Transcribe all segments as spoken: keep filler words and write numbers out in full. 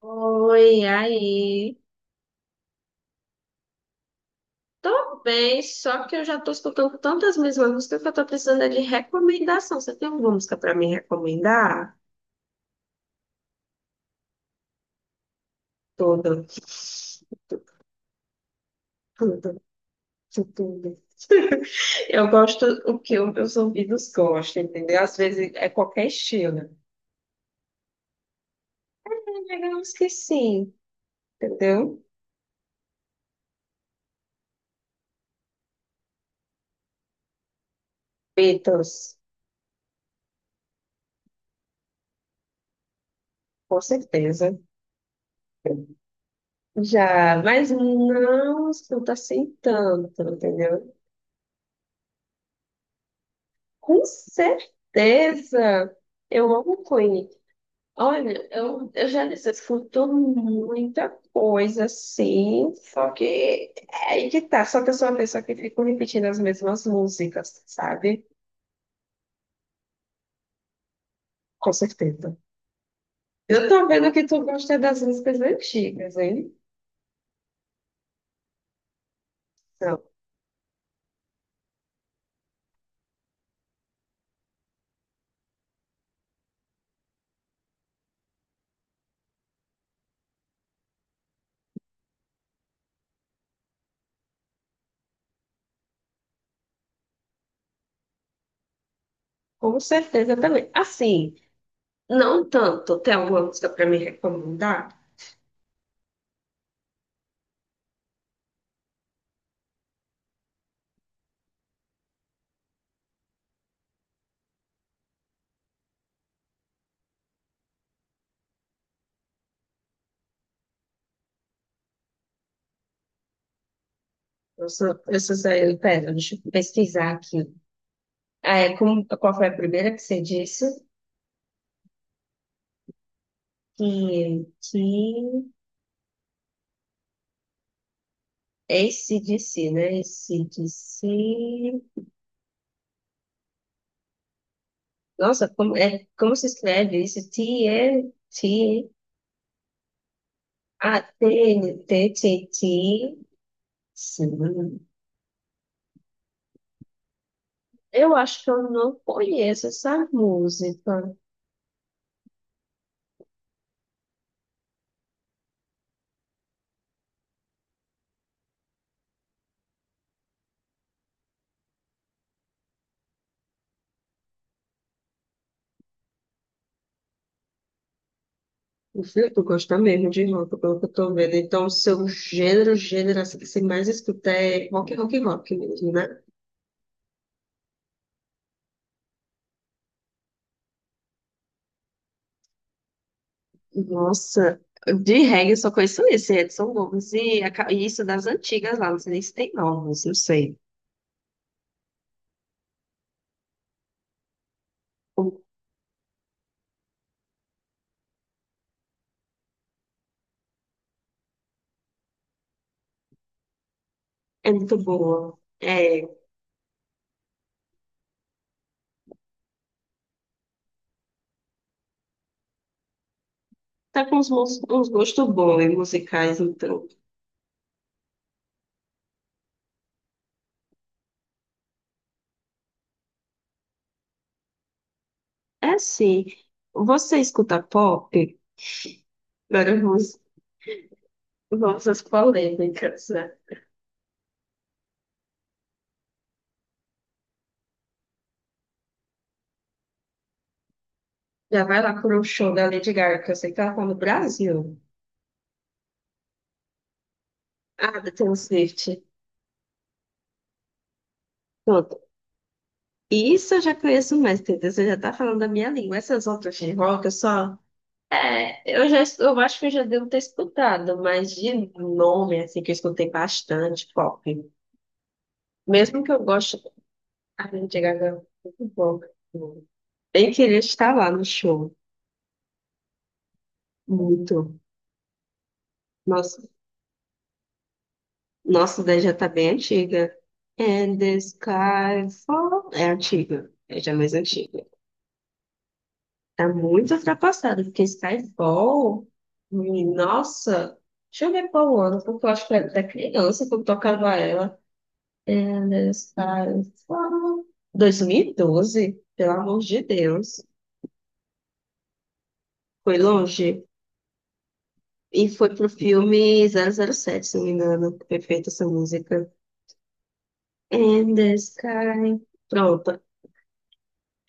Oi, aí. Tô bem, só que eu já tô escutando tantas mesmas músicas que eu tô precisando é de recomendação. Você tem alguma música pra me recomendar? Toda. Tudo, tudo. Eu gosto o que os meus ouvidos gostam, entendeu? Às vezes é qualquer estilo. Digamos que sim, entendeu? Beatles, com certeza. Já, mas não escuta assim tanto, entendeu? Com certeza. Eu amo Queen. Olha, eu, eu já disse, eu escuto muita coisa assim, só que é aí que tá, só que eu sou uma pessoa que fico repetindo as mesmas músicas, sabe? Com certeza. Eu tô vendo que tu gosta das músicas antigas, hein? Não, com certeza também. Assim, não tanto. Tem alguma música pra me recomendar? Eu sou, eu sou Zé, pera, deixa eu pesquisar aqui. Ah, é, como, qual foi a primeira que você disse? Que, que... AC/DC, né? AC/DC. Nossa, como, é, como se escreve isso? T e t, A T-N-T-T-T. Sim. Eu acho que eu não conheço essa música. O filho, tu gosta mesmo de rock, pelo que eu tô vendo. Então, o seu gênero, gênero assim, que você mais escuta é rock, rock, rock mesmo, né? Nossa, de reggae eu só conheço esse, Edson Gomes. E a ca- e isso das antigas lá, não sei nem se tem novos, não sei. É muito boa. É, tá com uns, mos- uns gostos bons em musicais, então. É assim, você escuta pop? Agora vamos, vamos às polêmicas, né? Já vai lá para o show da Lady Gaga, que eu sei que ela tá no Brasil. Ah, da Taylor Swift. Pronto. Isso eu já conheço mais, entendeu? Você já tá falando da minha língua. Essas outras de rock, eu só... É, eu já, eu acho que eu já devo ter escutado, mas de nome, assim, que eu escutei bastante pop. Mesmo que eu goste. A Lady Gaga é muito bom. Bem queria estar lá no show. Muito. Nossa, nossa daí já tá bem antiga. And the sky fall... É antiga. É já mais antiga. Tá muito ultrapassada, porque Skyfall... hum, Nossa... Deixa eu ver qual ano, porque eu acho que era da criança quando tocava ela. And the sky fall... dois mil e doze? Pelo amor de Deus. Foi longe. E foi pro filme zero zero sete, se não me engano. Perfeita essa música. And the sky. Pronto.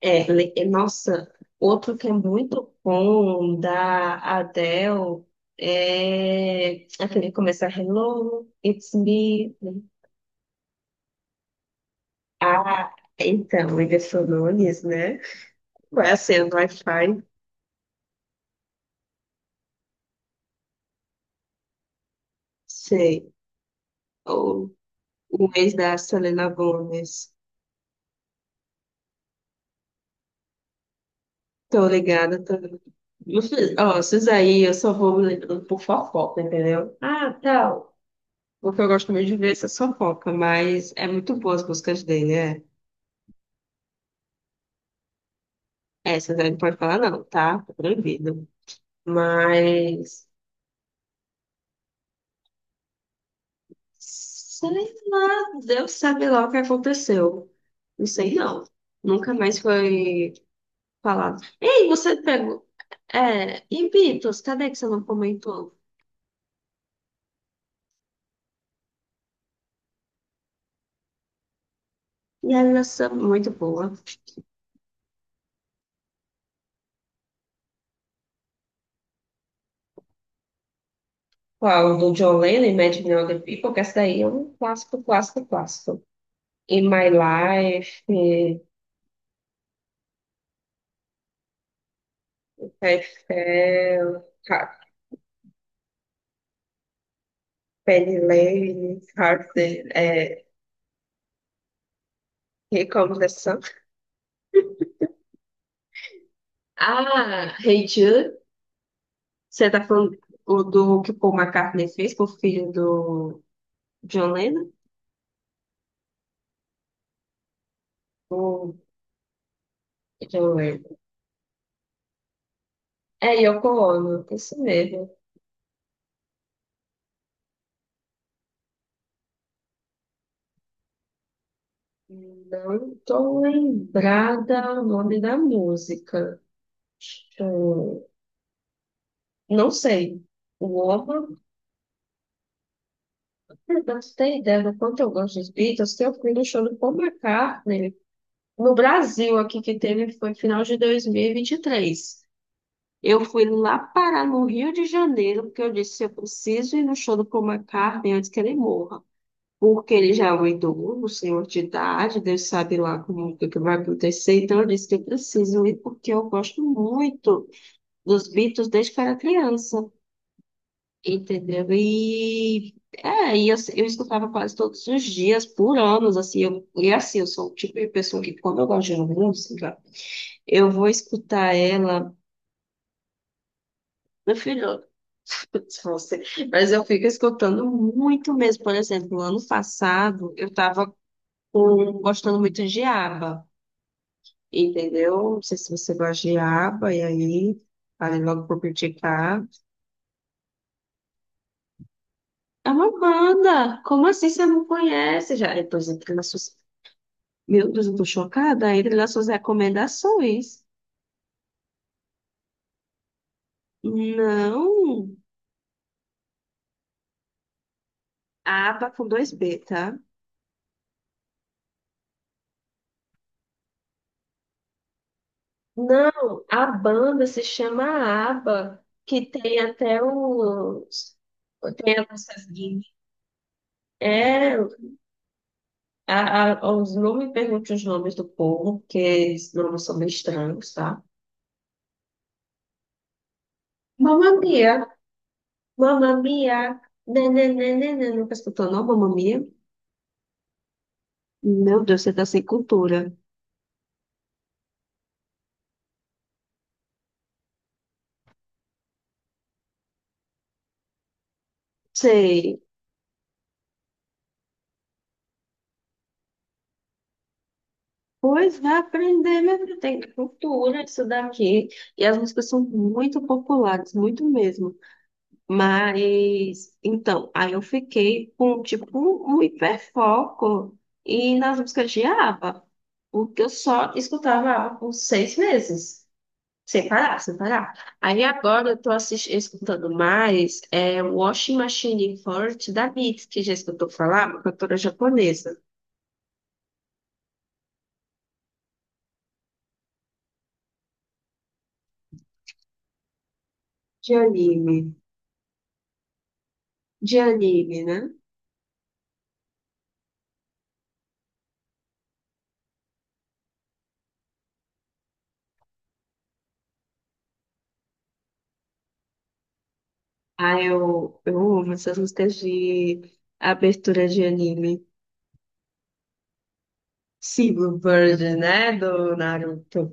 É, le- e, nossa, outro que é muito bom da Adele é aquele que começa Hello, it's me. Ah, então, ele falou Nunes, né? Vai acendo Wi-Fi. Sei. O, o ex da Selena Gomez. Tô ligada, tô. Não fiz- Ó, esses aí eu só vou lembrando por fofoca, entendeu? Ah, tal. Porque eu gosto muito de ver essa fofoca, mas é muito boa as músicas dele, é. Essas aí não pode falar, não, tá? Tá proibido. Mas. Sei lá, Deus sabe lá o que aconteceu. Não sei, não. Nunca mais foi falado. Ei, você pegou. É, e Beatles, cadê que você não comentou? E ela é muito boa. Qual? Do John Lennon, Imagine All the People, que essa daí é um clássico, clássico, clássico. In My Life, eh, I Fell, Ha- Penny Lane, Heart, é, Here Comes the Sun. Ah, Hey Jude, você tá falando o do que o Paul McCartney fez pro filho do John Lennon? O John Lennon. É Yoko Ono, isso mesmo. Não tô lembrada o nome da música. Deixa eu. Não sei. O Orban, pra você ter ideia do quanto eu gosto dos Beatles, eu fui no show do Paul McCartney no Brasil, aqui que teve foi final de dois mil e vinte e três. Eu fui lá parar no Rio de Janeiro, porque eu disse, eu preciso ir no show do Paul McCartney antes que ele morra. Porque ele já é um idoso, um senhor de idade, Deus sabe lá como o que que vai acontecer. Então eu disse que eu preciso ir, porque eu gosto muito dos Beatles desde que eu era criança. Entendeu? E, é, e eu, eu escutava quase todos os dias, por anos, assim, eu, e assim, eu sou o tipo de pessoa que, quando eu gosto de uma música, eu vou escutar ela, meu filho, se fosse, mas eu fico escutando muito mesmo. Por exemplo, ano passado, eu tava gostando muito de ABBA, entendeu? Não sei se você gosta de ABBA, e aí, falei logo por criticar, é uma banda, como assim você não conhece? Já, depois entra na sua. Meu Deus, eu tô chocada. Entre nas suas recomendações. Não. Aba com dois B, tá? Não, a banda se chama ABBA, que tem até os. Tem a nossa gig. É, a, a, os, não me pergunte os nomes do povo, porque esses nomes são meio estranhos, tá? Mamma Mia, Mamma Mia, nananana, nunca escutou, não? Mamma Mia? Meu Deus, você tá sem cultura. Sei. Pois vai aprender, mesmo tem cultura isso daqui. E as músicas são muito populares, muito mesmo. Mas, então, aí eu fiquei com, tipo, um um hiperfoco e nas músicas de ABBA, porque eu só escutava ABBA por seis meses, sem parar, sem parar. Aí agora eu tô assistindo, escutando mais é, Washing Machine Forte da Mitski, que já escutou falar, uma cantora japonesa de anime, de anime, né? Ah, eu, eu amo essas músicas de abertura de anime. Silver Bird, né? Do Naruto.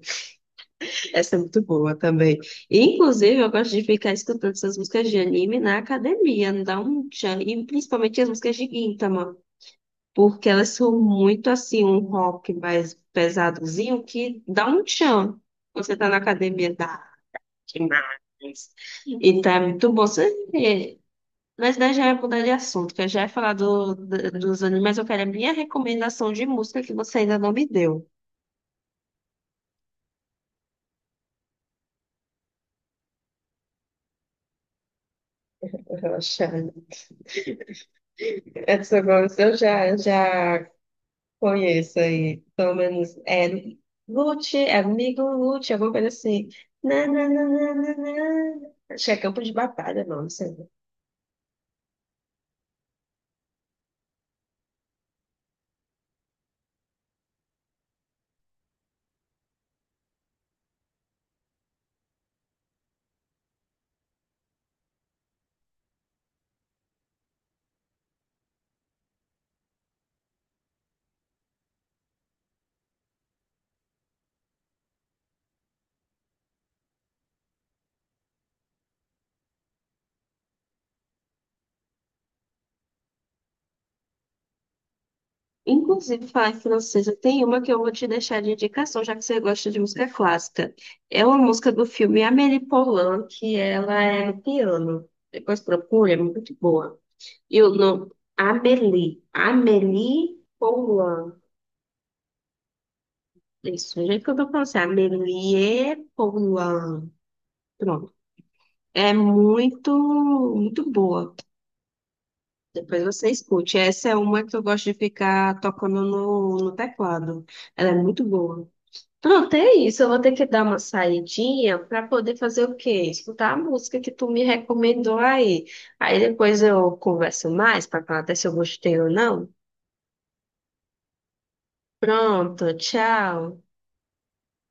Essa é muito boa também. E, inclusive, eu gosto de ficar escutando essas músicas de anime na academia, não dá um tchan. E principalmente as músicas de Gintama, porque elas são muito assim, um rock mais pesadozinho que dá um tchan. Você tá na academia, dá demais. Então é muito bom. Você. Mas daí já é mudar de assunto, que eu já ia falar do, do- dos animes, mas eu quero a minha recomendação de música que você ainda não me deu. Relaxando. Essa voz eu já, já conheço aí. Pelo menos é Lute, é amigo Lute, alguma coisa assim. Na, na, na, na, na, na. Acho que é Campo de Batalha, não, não sei. Inclusive, falar em francesa, tem uma que eu vou te deixar de indicação, já que você gosta de música clássica. É uma música do filme Amélie Poulain, que ela é no piano. Depois procura, é muito boa. E o nome, Amélie. Amélie Poulain. Isso, o jeito que eu tô falando, assim, Amélie Poulain. Pronto. É muito, muito boa. Depois você escute. Essa é uma que eu gosto de ficar tocando no, no teclado. Ela é muito boa. Pronto, é isso. Eu vou ter que dar uma saidinha para poder fazer o quê? Escutar a música que tu me recomendou aí. Aí depois eu converso mais para falar até se eu gostei ou não. Pronto, tchau.